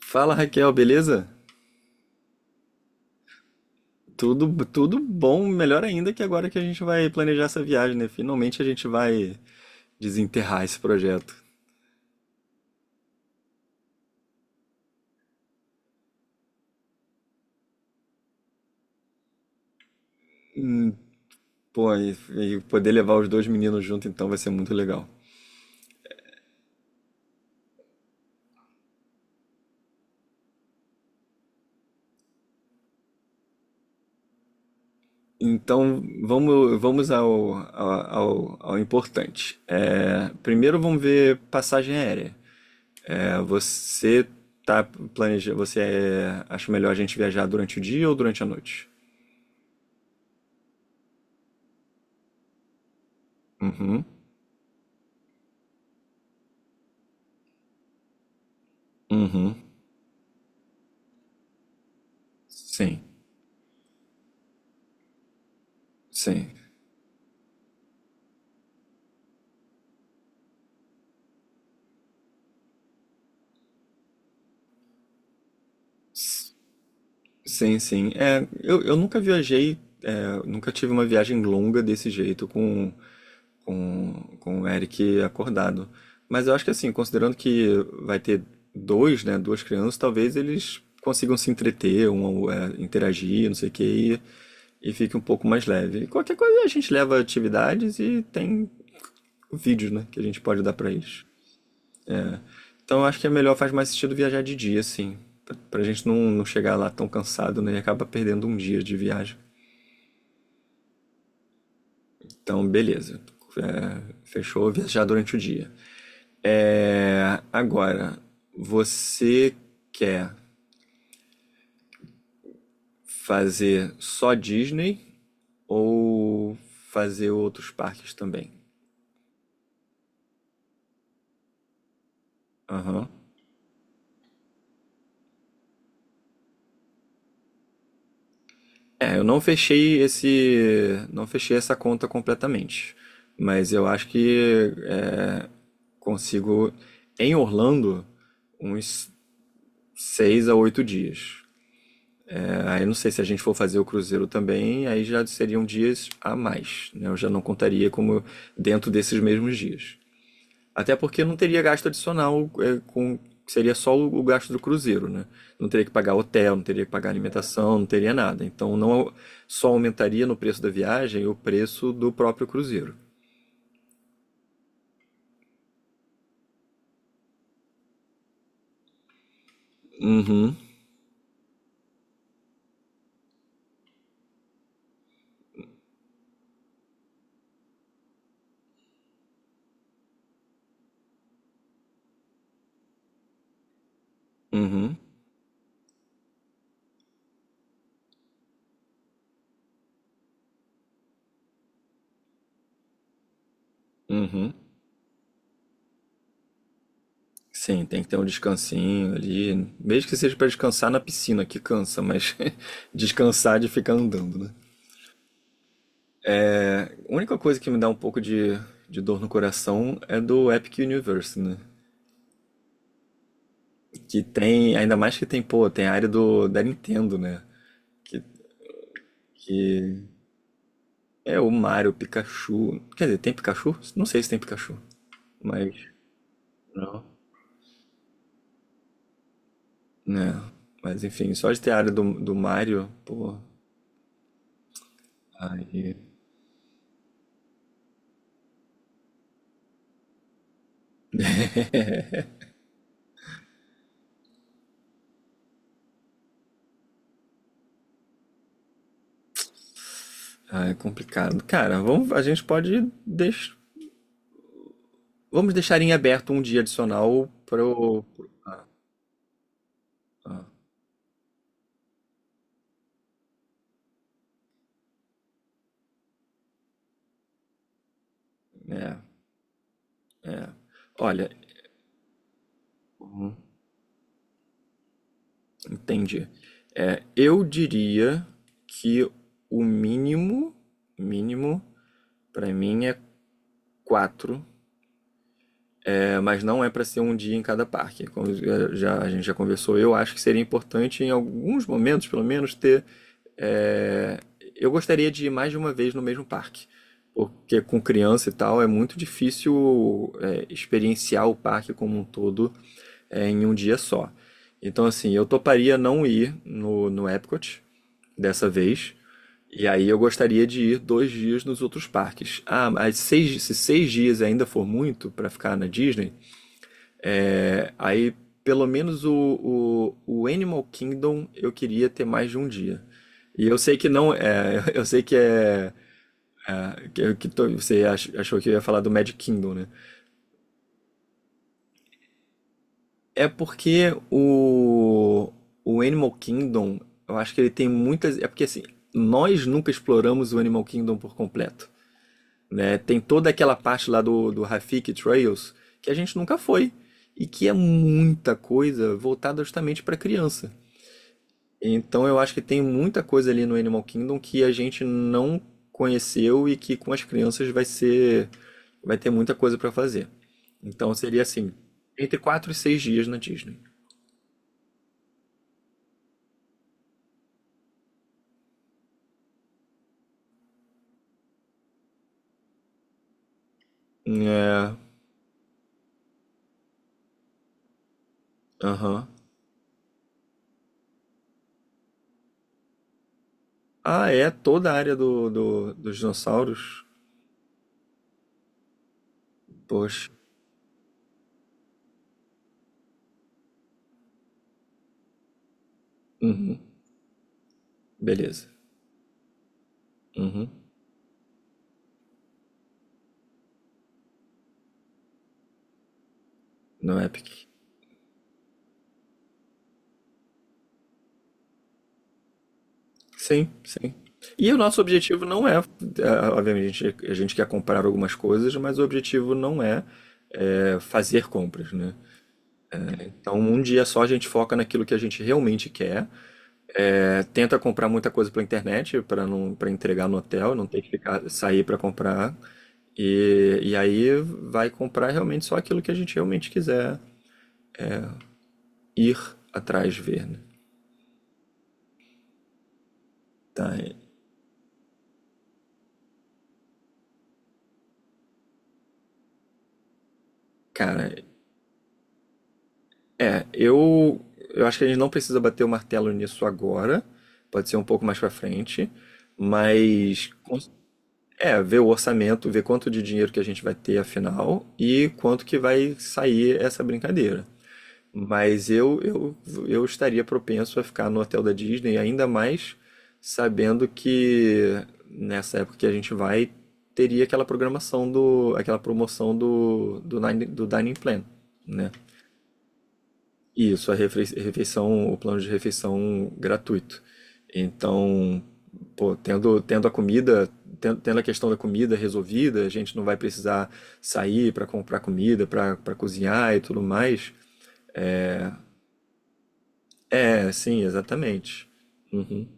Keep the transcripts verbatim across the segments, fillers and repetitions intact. Fala Raquel, beleza? Tudo, tudo bom, melhor ainda que agora que a gente vai planejar essa viagem, né? Finalmente a gente vai desenterrar esse projeto. Pô, e, e poder levar os dois meninos junto, então vai ser muito legal. Então vamos, vamos ao, ao, ao- ao importante. É, primeiro vamos ver passagem aérea. É, você tá planejando, você é, acha melhor a gente viajar durante o dia ou durante a noite? Uhum. Uhum. Sim. Sim. Sim, sim. É, eu, eu nunca viajei, é, nunca tive uma viagem longa desse jeito com, com, com o Eric acordado. Mas eu acho que, assim, considerando que vai ter dois, né, duas crianças, talvez eles consigam se entreter, um, ao- é, interagir, não sei o quê, e, e fique um pouco mais leve. E qualquer coisa, a gente leva atividades e tem vídeos, né, que a gente pode dar pra eles. Então eu acho que é melhor, faz mais sentido viajar de dia, assim, pra, pra gente não, não chegar lá tão cansado, né, e acaba perdendo um dia de viagem. Então, beleza. É, fechou, viajar durante o dia. É, agora, você quer fazer só Disney ou fazer outros parques também? Aham. É, eu não fechei esse, não fechei essa conta completamente, mas eu acho que é, consigo em Orlando uns seis a oito dias. Ah, eu não sei se a gente for fazer o cruzeiro também, aí já seriam dias a mais, né? Eu já não contaria como dentro desses mesmos dias. Até porque não teria gasto adicional, é, com, seria só o, o gasto do cruzeiro, né? Não teria que pagar hotel, não teria que pagar alimentação, não teria nada. Então não au- só aumentaria no preço da viagem o preço do próprio cruzeiro. Uhum. Uhum. Uhum. Sim, tem que ter um descansinho ali, mesmo que seja para descansar na piscina, que cansa, mas descansar de ficar andando, né? A única coisa que me dá um pouco de, de dor no coração é do Epic Universe, né? Que tem, ainda mais que tem, pô, tem a área do, da Nintendo, né? Que, que é o Mario, Pikachu. Quer dizer, tem Pikachu? Não sei se tem Pikachu, mas. Não. Né? Mas, enfim, só de ter a área do, do Mario, pô, aí, aí é complicado. Cara, vamos, a gente pode deix, vamos deixar em aberto um dia adicional pro. Pro ah, é, é. Olha. Entendi. É, eu diria que o mínimo, mínimo, para mim é quatro, é, mas não é para ser um dia em cada parque. Como já, já- a gente já conversou, eu acho que seria importante em alguns momentos, pelo menos, ter. É, eu gostaria de ir mais de uma vez no mesmo parque, porque, com criança e tal, é muito difícil é, experienciar o parque como um todo, é, em um dia só. Então, assim, eu toparia não ir no, no Epcot dessa vez. E aí eu gostaria de ir dois dias nos outros parques. Ah, mas seis, se seis dias ainda for muito para ficar na Disney, é, aí pelo menos o, o, o Animal Kingdom eu queria ter mais de um dia. E eu sei que não é, eu sei que é, é, que, que to- você ach- achou que eu ia falar do Magic Kingdom, né? É porque o, o Animal Kingdom, eu acho que ele tem muitas. É porque, assim, nós nunca exploramos o Animal Kingdom por completo, né? Tem toda aquela parte lá do, do Rafiki Trails que a gente nunca foi e que é muita coisa voltada justamente para criança. Então eu acho que tem muita coisa ali no Animal Kingdom que a gente não conheceu e que, com as crianças, vai ser, vai ter muita coisa para fazer. Então seria assim, entre quatro e seis dias na Disney. É, aham. Ah, é toda a área do, do- dos dinossauros? Poxa. Uhum. Beleza. Uhum. No Epic. Sim, sim. E o nosso objetivo não é, é, obviamente, a gente, a gente quer comprar algumas coisas, mas o objetivo não é, é fazer compras, né? Então, um dia só a gente foca naquilo que a gente realmente quer. É, tenta comprar muita coisa pela internet, para não, para entregar no hotel, não ter que ficar, sair para comprar. E, e aí vai comprar realmente só aquilo que a gente realmente quiser ir atrás ver, né? Tá, é, cara, é, eu eu acho que a gente não precisa bater o martelo nisso agora, pode ser um pouco mais para frente, mas cons- é, ver o orçamento, ver quanto de dinheiro que a gente vai ter afinal e quanto que vai sair essa brincadeira. Mas eu, eu, eu estaria propenso a ficar no hotel da Disney, ainda mais sabendo que, nessa época que a gente vai, teria aquela programação do, aquela promoção do, do, Nine- do Dining Plan, né? Isso, a refei- refeição, o plano de refeição gratuito. Então, pô, tendo, tendo a comida, ten- tendo, a questão da comida resolvida, a gente não vai precisar sair para comprar comida, para cozinhar e tudo mais. É, sim, exatamente. Uhum.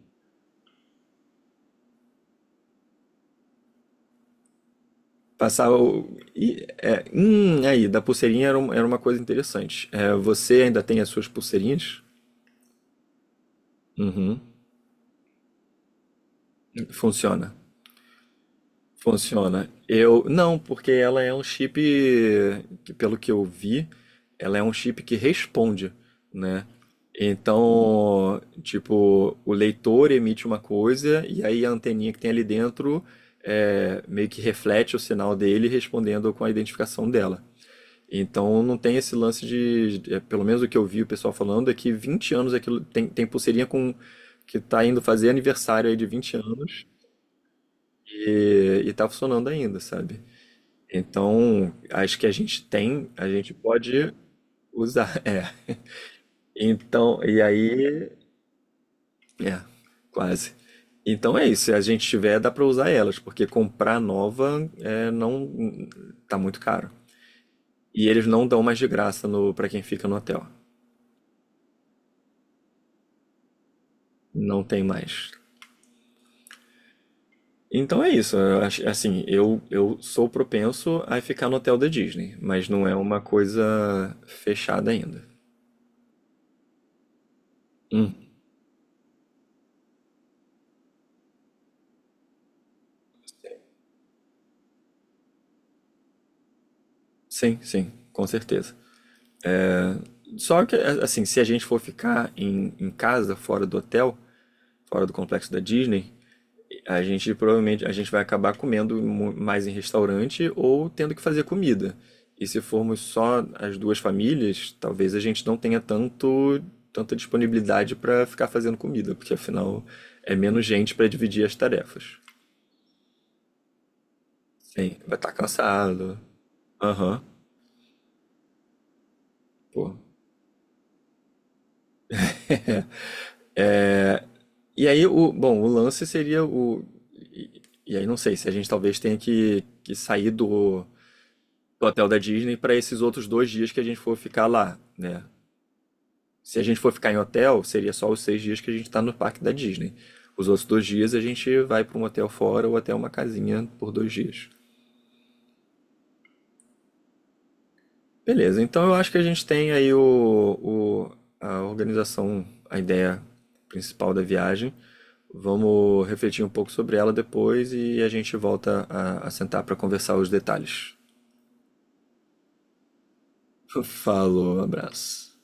Passar o. E, é, hum, aí, da pulseirinha era, um- era uma coisa interessante. É, você ainda tem as suas pulseirinhas? Uhum. Funciona. Funciona. Eu. Não, porque ela é um chip. que, Pelo que eu vi, ela é um chip que responde, né? Então, tipo, o leitor emite uma coisa e aí a anteninha que tem ali dentro é, meio que reflete o sinal dele, respondendo com a identificação dela. Então não tem esse lance de, de- é, pelo menos o que eu vi o pessoal falando, é que vinte anos é aquilo, tem, tem pulseirinha com que tá indo fazer aniversário aí de vinte anos e, e tá funcionando ainda, sabe? Então, acho que a gente tem, a gente pode usar, é. Então, e aí, é, quase. Então é isso, se a gente tiver, dá pra usar elas, porque comprar nova é, não tá muito caro. E eles não dão mais de graça no para quem fica no hotel. Não tem mais. Então é isso. Eu acho, assim, eu, eu sou propenso a ficar no hotel da Disney, mas não é uma coisa fechada ainda. Hum. Sim, sim, com certeza. Só que, a- assim, se a gente for ficar em, em casa, fora do hotel, fora do complexo da Disney, a gente, provavelmente, a gente vai acabar comendo mu- mais em restaurante ou tendo que fazer comida. E, se formos só as duas famílias, talvez a gente não tenha tanto tanta disponibilidade para ficar fazendo comida, porque, afinal, é menos gente para dividir as tarefas. Sim, vai estar cansado. Aham, pô. E aí o, bom, o lance seria o, e, e aí não sei se a gente talvez tenha que, que sair do, do hotel da Disney para esses outros dois dias que a gente for ficar lá, né? Se a gente for ficar em hotel, seria só os seis dias que a gente está no parque da Disney. Os outros dois dias a gente vai para um hotel fora ou até uma casinha por dois dias. Beleza, então eu acho que a gente tem aí o, o- a organização, a ideia principal da viagem. Vamos refletir um pouco sobre ela depois e a gente volta a, a sentar para conversar os detalhes. Falou, abraço.